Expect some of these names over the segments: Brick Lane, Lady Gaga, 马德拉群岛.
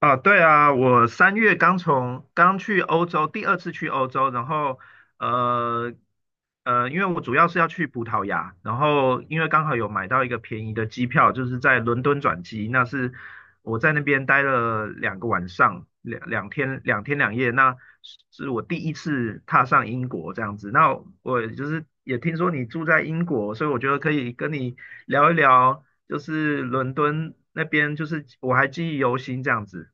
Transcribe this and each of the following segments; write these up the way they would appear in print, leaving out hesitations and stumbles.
啊，对啊，我3月刚去欧洲，第二次去欧洲，然后呃因为我主要是要去葡萄牙，然后因为刚好有买到一个便宜的机票，就是在伦敦转机，那是我在那边待了两个晚上，两天两夜，那是我第一次踏上英国这样子。那我就是也听说你住在英国，所以我觉得可以跟你聊一聊，就是伦敦那边，就是我还记忆犹新这样子。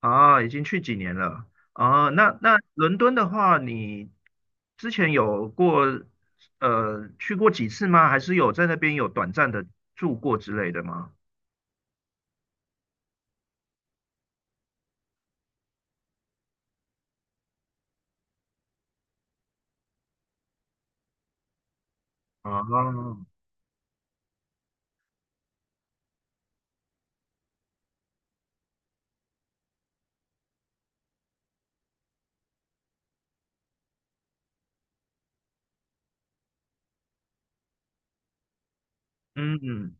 啊，已经去几年了啊？那伦敦的话，你之前有过去过几次吗？还是有在那边有短暂的住过之类的吗？啊，嗯，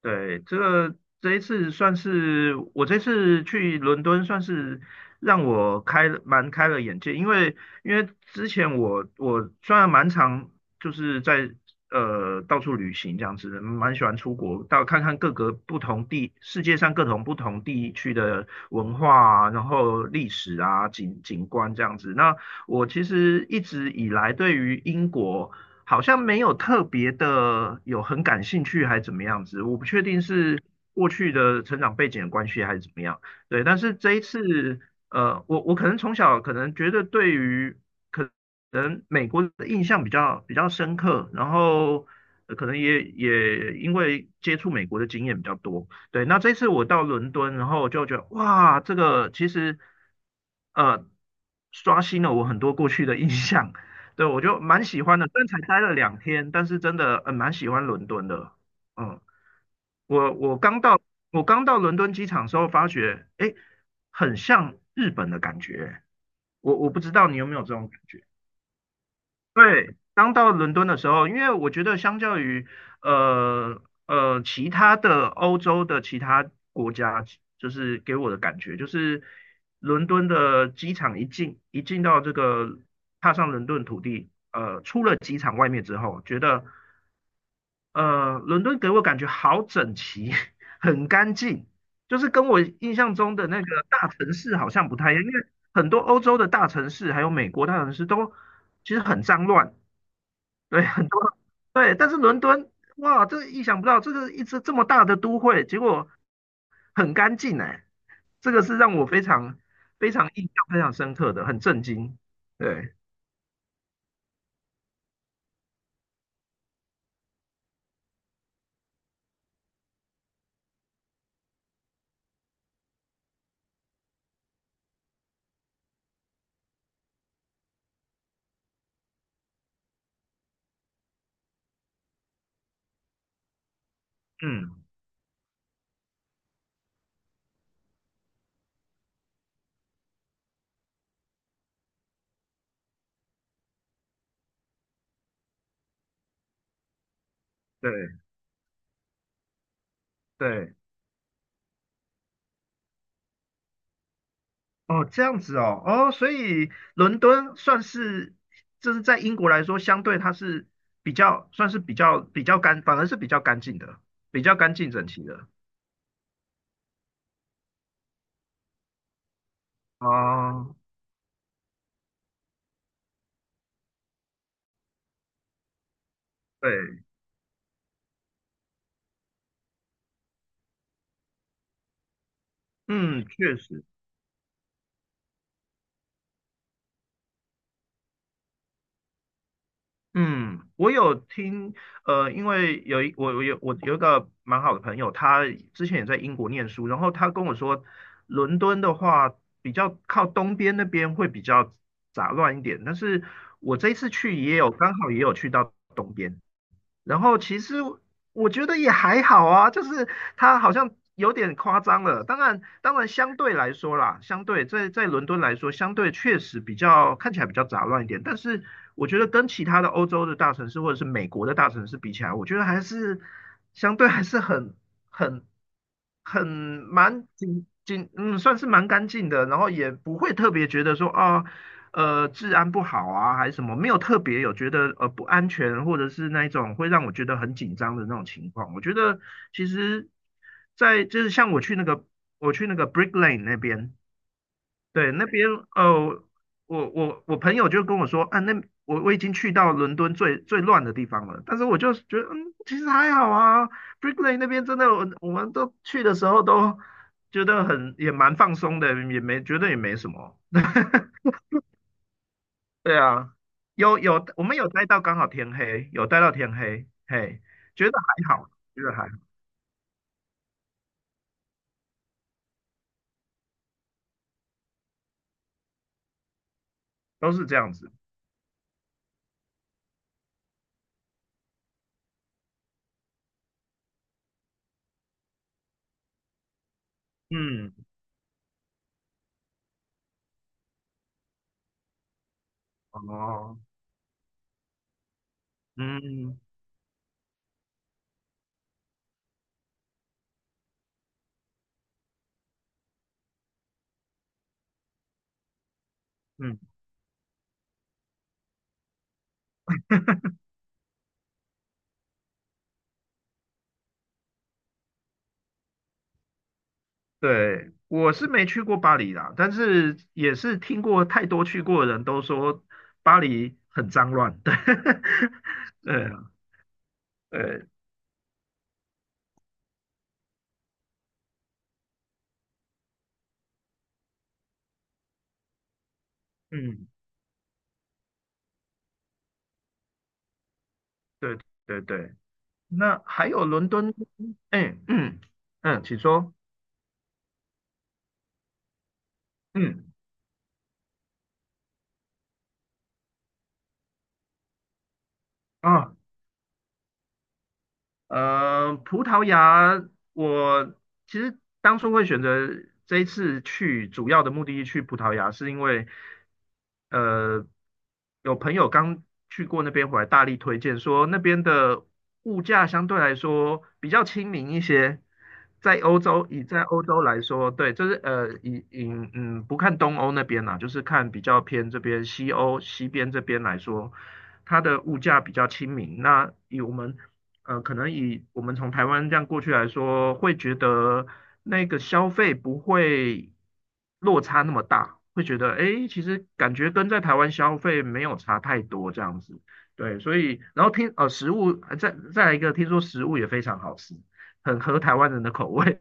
对，这一次算是我这次去伦敦，算是让我开了眼界，因为之前我虽然蛮常就是在呃到处旅行这样子，蛮喜欢出国，到看看各个不同地世界上各种不同地区的文化啊然后历史啊景观这样子。那我其实一直以来对于英国，好像没有特别的有很感兴趣，还怎么样子？我不确定是过去的成长背景的关系，还是怎么样。对，但是这一次，呃，我可能从小可能觉得对于可能美国的印象比较深刻，然后呃可能也因为接触美国的经验比较多。对，那这次我到伦敦，然后就觉得哇，这个其实呃刷新了我很多过去的印象。对，我就蛮喜欢的，虽然才待了两天，但是真的蛮喜欢伦敦的。嗯，我我刚到我刚到伦敦机场的时候，发觉诶很像日本的感觉。我不知道你有没有这种感觉。对，刚到伦敦的时候，因为我觉得相较于呃其他的欧洲的其他国家，就是给我的感觉就是伦敦的机场一进到这个踏上伦敦土地，出了机场外面之后，觉得伦敦给我感觉好整齐，很干净，就是跟我印象中的那个大城市好像不太一样，因为很多欧洲的大城市还有美国大城市都其实很脏乱。对，很多，对，但是伦敦，哇，这意想不到，这个一直这么大的都会，结果很干净哎，这个是让我非常印象非常深刻的，很震惊。对，嗯，对对，哦，这样子哦，哦，所以伦敦算是，就是在英国来说，相对它是比较算是比较比较干，反而是比较干净的，比较干净整齐的。哦，对，嗯，确实。嗯，我有听，呃，因为有一我我有我有一个蛮好的朋友，他之前也在英国念书，然后他跟我说，伦敦的话比较靠东边那边会比较杂乱一点，但是我这一次去也有刚好也有去到东边，然后其实我觉得也还好啊，就是它好像有点夸张了。当然，当然相对来说啦，相对在伦敦来说，相对确实比较看起来比较杂乱一点。但是我觉得跟其他的欧洲的大城市或者是美国的大城市比起来，我觉得还是相对还是很很蛮紧紧，嗯，算是蛮干净的。然后也不会特别觉得说啊。哦治安不好啊，还是什么，没有特别有觉得不安全，或者是那一种会让我觉得很紧张的那种情况。我觉得其实在，就是像我去那个 Brick Lane 那边，对那边呃我我朋友就跟我说，啊那我已经去到伦敦最乱的地方了，但是我就觉得嗯其实还好啊，Brick Lane 那边真的我们都去的时候都觉得很也蛮放松的，也没觉得也没什么。对啊，我们有待到刚好天黑，有待到天黑，嘿，觉得还好，觉得还好，都是这样子。嗯，哦，嗯嗯，对，我是没去过巴黎啦，但是也是听过太多去过的人都说巴黎很脏乱，对，对啊，对，嗯，对对对，那还有伦敦，哎，嗯嗯，请说，嗯啊。呃，葡萄牙，我其实当初会选择这一次去，主要的目的地去葡萄牙，是因为呃，有朋友刚去过那边回来，大力推荐说那边的物价相对来说比较亲民一些，在欧洲以在欧洲来说，对，就是呃，以嗯不看东欧那边啦，就是看比较偏这边西边这边来说，它的物价比较亲民。那以我们呃，可能以我们从台湾这样过去来说，会觉得那个消费不会落差那么大，会觉得诶，其实感觉跟在台湾消费没有差太多这样子。对，所以然后听食物，呃再来一个，听说食物也非常好吃，很合台湾人的口味。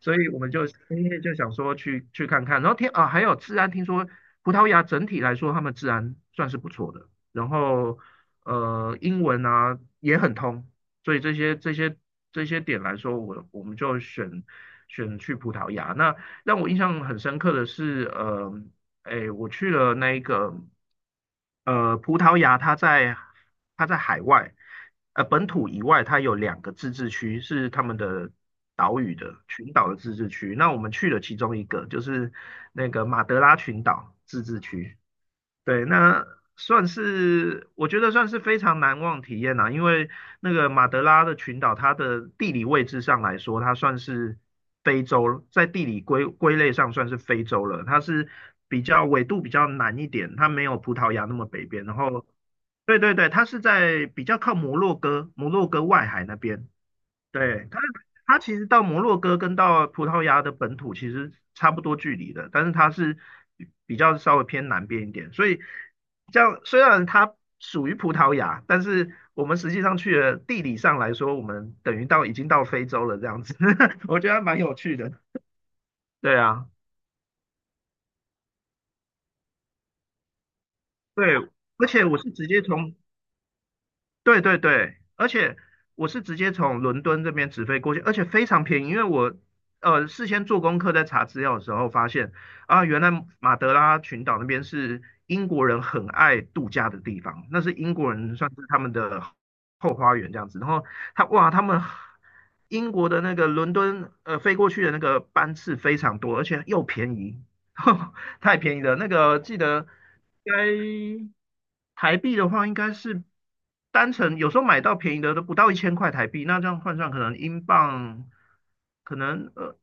所以我们就今天就想说去看看，然后听啊还有治安，听说葡萄牙整体来说他们治安算是不错的，然后呃英文啊也很通，所以这些点来说，我们就选去葡萄牙。那让我印象很深刻的是，呃哎，我去了那一个呃葡萄牙，它在海外，呃本土以外，它有两个自治区是他们的岛屿的群岛的自治区。那我们去了其中一个，就是那个马德拉群岛自治区。对，那算是我觉得算是非常难忘体验啦，因为那个马德拉的群岛，它的地理位置上来说，它算是非洲，在地理归类上算是非洲了。它是比较纬度比较南一点，它没有葡萄牙那么北边。然后，对对对，它是在比较靠摩洛哥、摩洛哥外海那边。对，它其实到摩洛哥跟到葡萄牙的本土其实差不多距离的，但是它是比较稍微偏南边一点，所以这样虽然它属于葡萄牙，但是我们实际上去了地理上来说，我们等于到已经到非洲了这样子，我觉得还蛮有趣的。对啊，对，而且我是直接从对对对，而且我是直接从伦敦这边直飞过去，而且非常便宜，因为我呃事先做功课在查资料的时候发现啊，原来马德拉群岛那边是英国人很爱度假的地方，那是英国人算是他们的后花园这样子。然后他哇，他们英国的那个伦敦呃飞过去的那个班次非常多，而且又便宜，太便宜了。那个记得应该台币的话，应该是单程有时候买到便宜的都不到1000块台币，那这样换算可能英镑可能二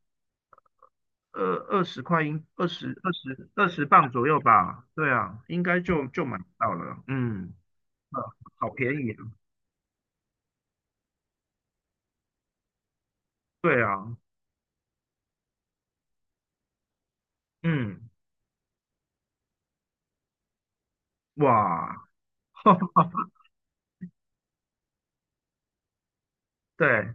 二二十块英二十二十二十磅左右吧。对啊，应该就买到了。嗯，呃好便宜啊。对啊，嗯，哇，对，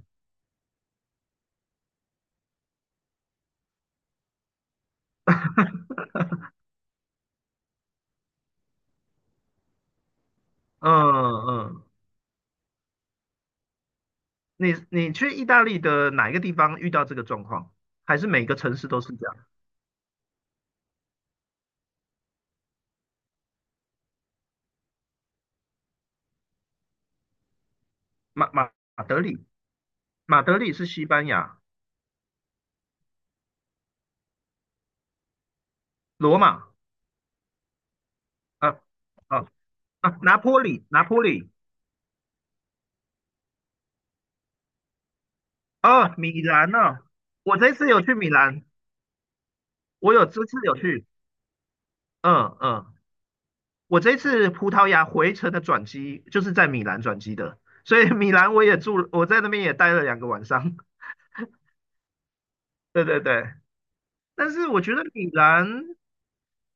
嗯嗯，你去意大利的哪一个地方遇到这个状况？还是每个城市都是这样？马德里，马德里是西班牙，罗马啊啊拿坡里，拿坡里啊，米兰呢、我这次有去米兰，我有这次有去，嗯嗯，我这次葡萄牙回程的转机就是在米兰转机的，所以米兰我也住了在那边也待了两个晚上，对对对，但是我觉得米兰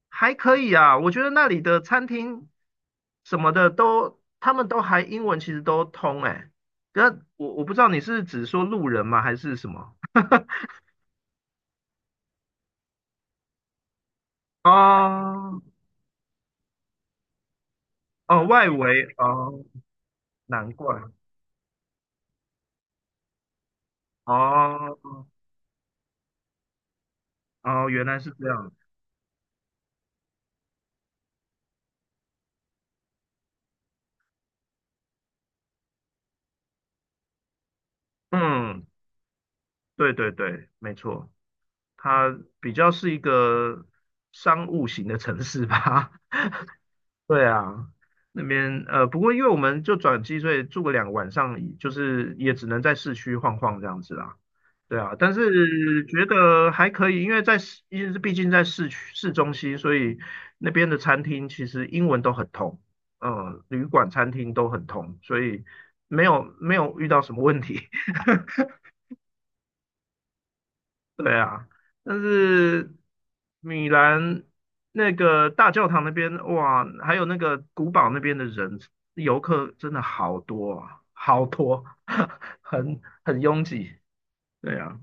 还可以啊，我觉得那里的餐厅什么的都，他们都还英文其实都通哎，那我不知道你是指说路人吗，还是什么？哦哦，外围哦，难怪哦哦，原来是这样。嗯，对对对，没错，它比较是一个商务型的城市吧。对啊，那边呃，不过因为我们就转机，所以住个两个晚上，就是也只能在市区晃晃这样子啦。对啊，但是觉得还可以，因为在市，因为毕竟在市区市中心，所以那边的餐厅其实英文都很通，嗯，旅馆、餐厅都很通，所以没有遇到什么问题。对啊，但是米兰那个大教堂那边，哇，还有那个古堡那边的人，游客真的好多啊，好多，很拥挤。对啊，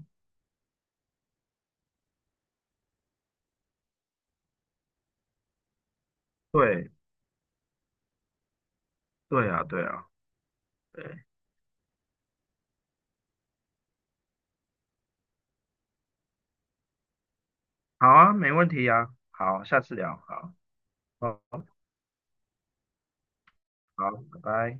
对，对啊，对啊，对，好啊，没问题啊，好，下次聊，好，好，好，拜拜。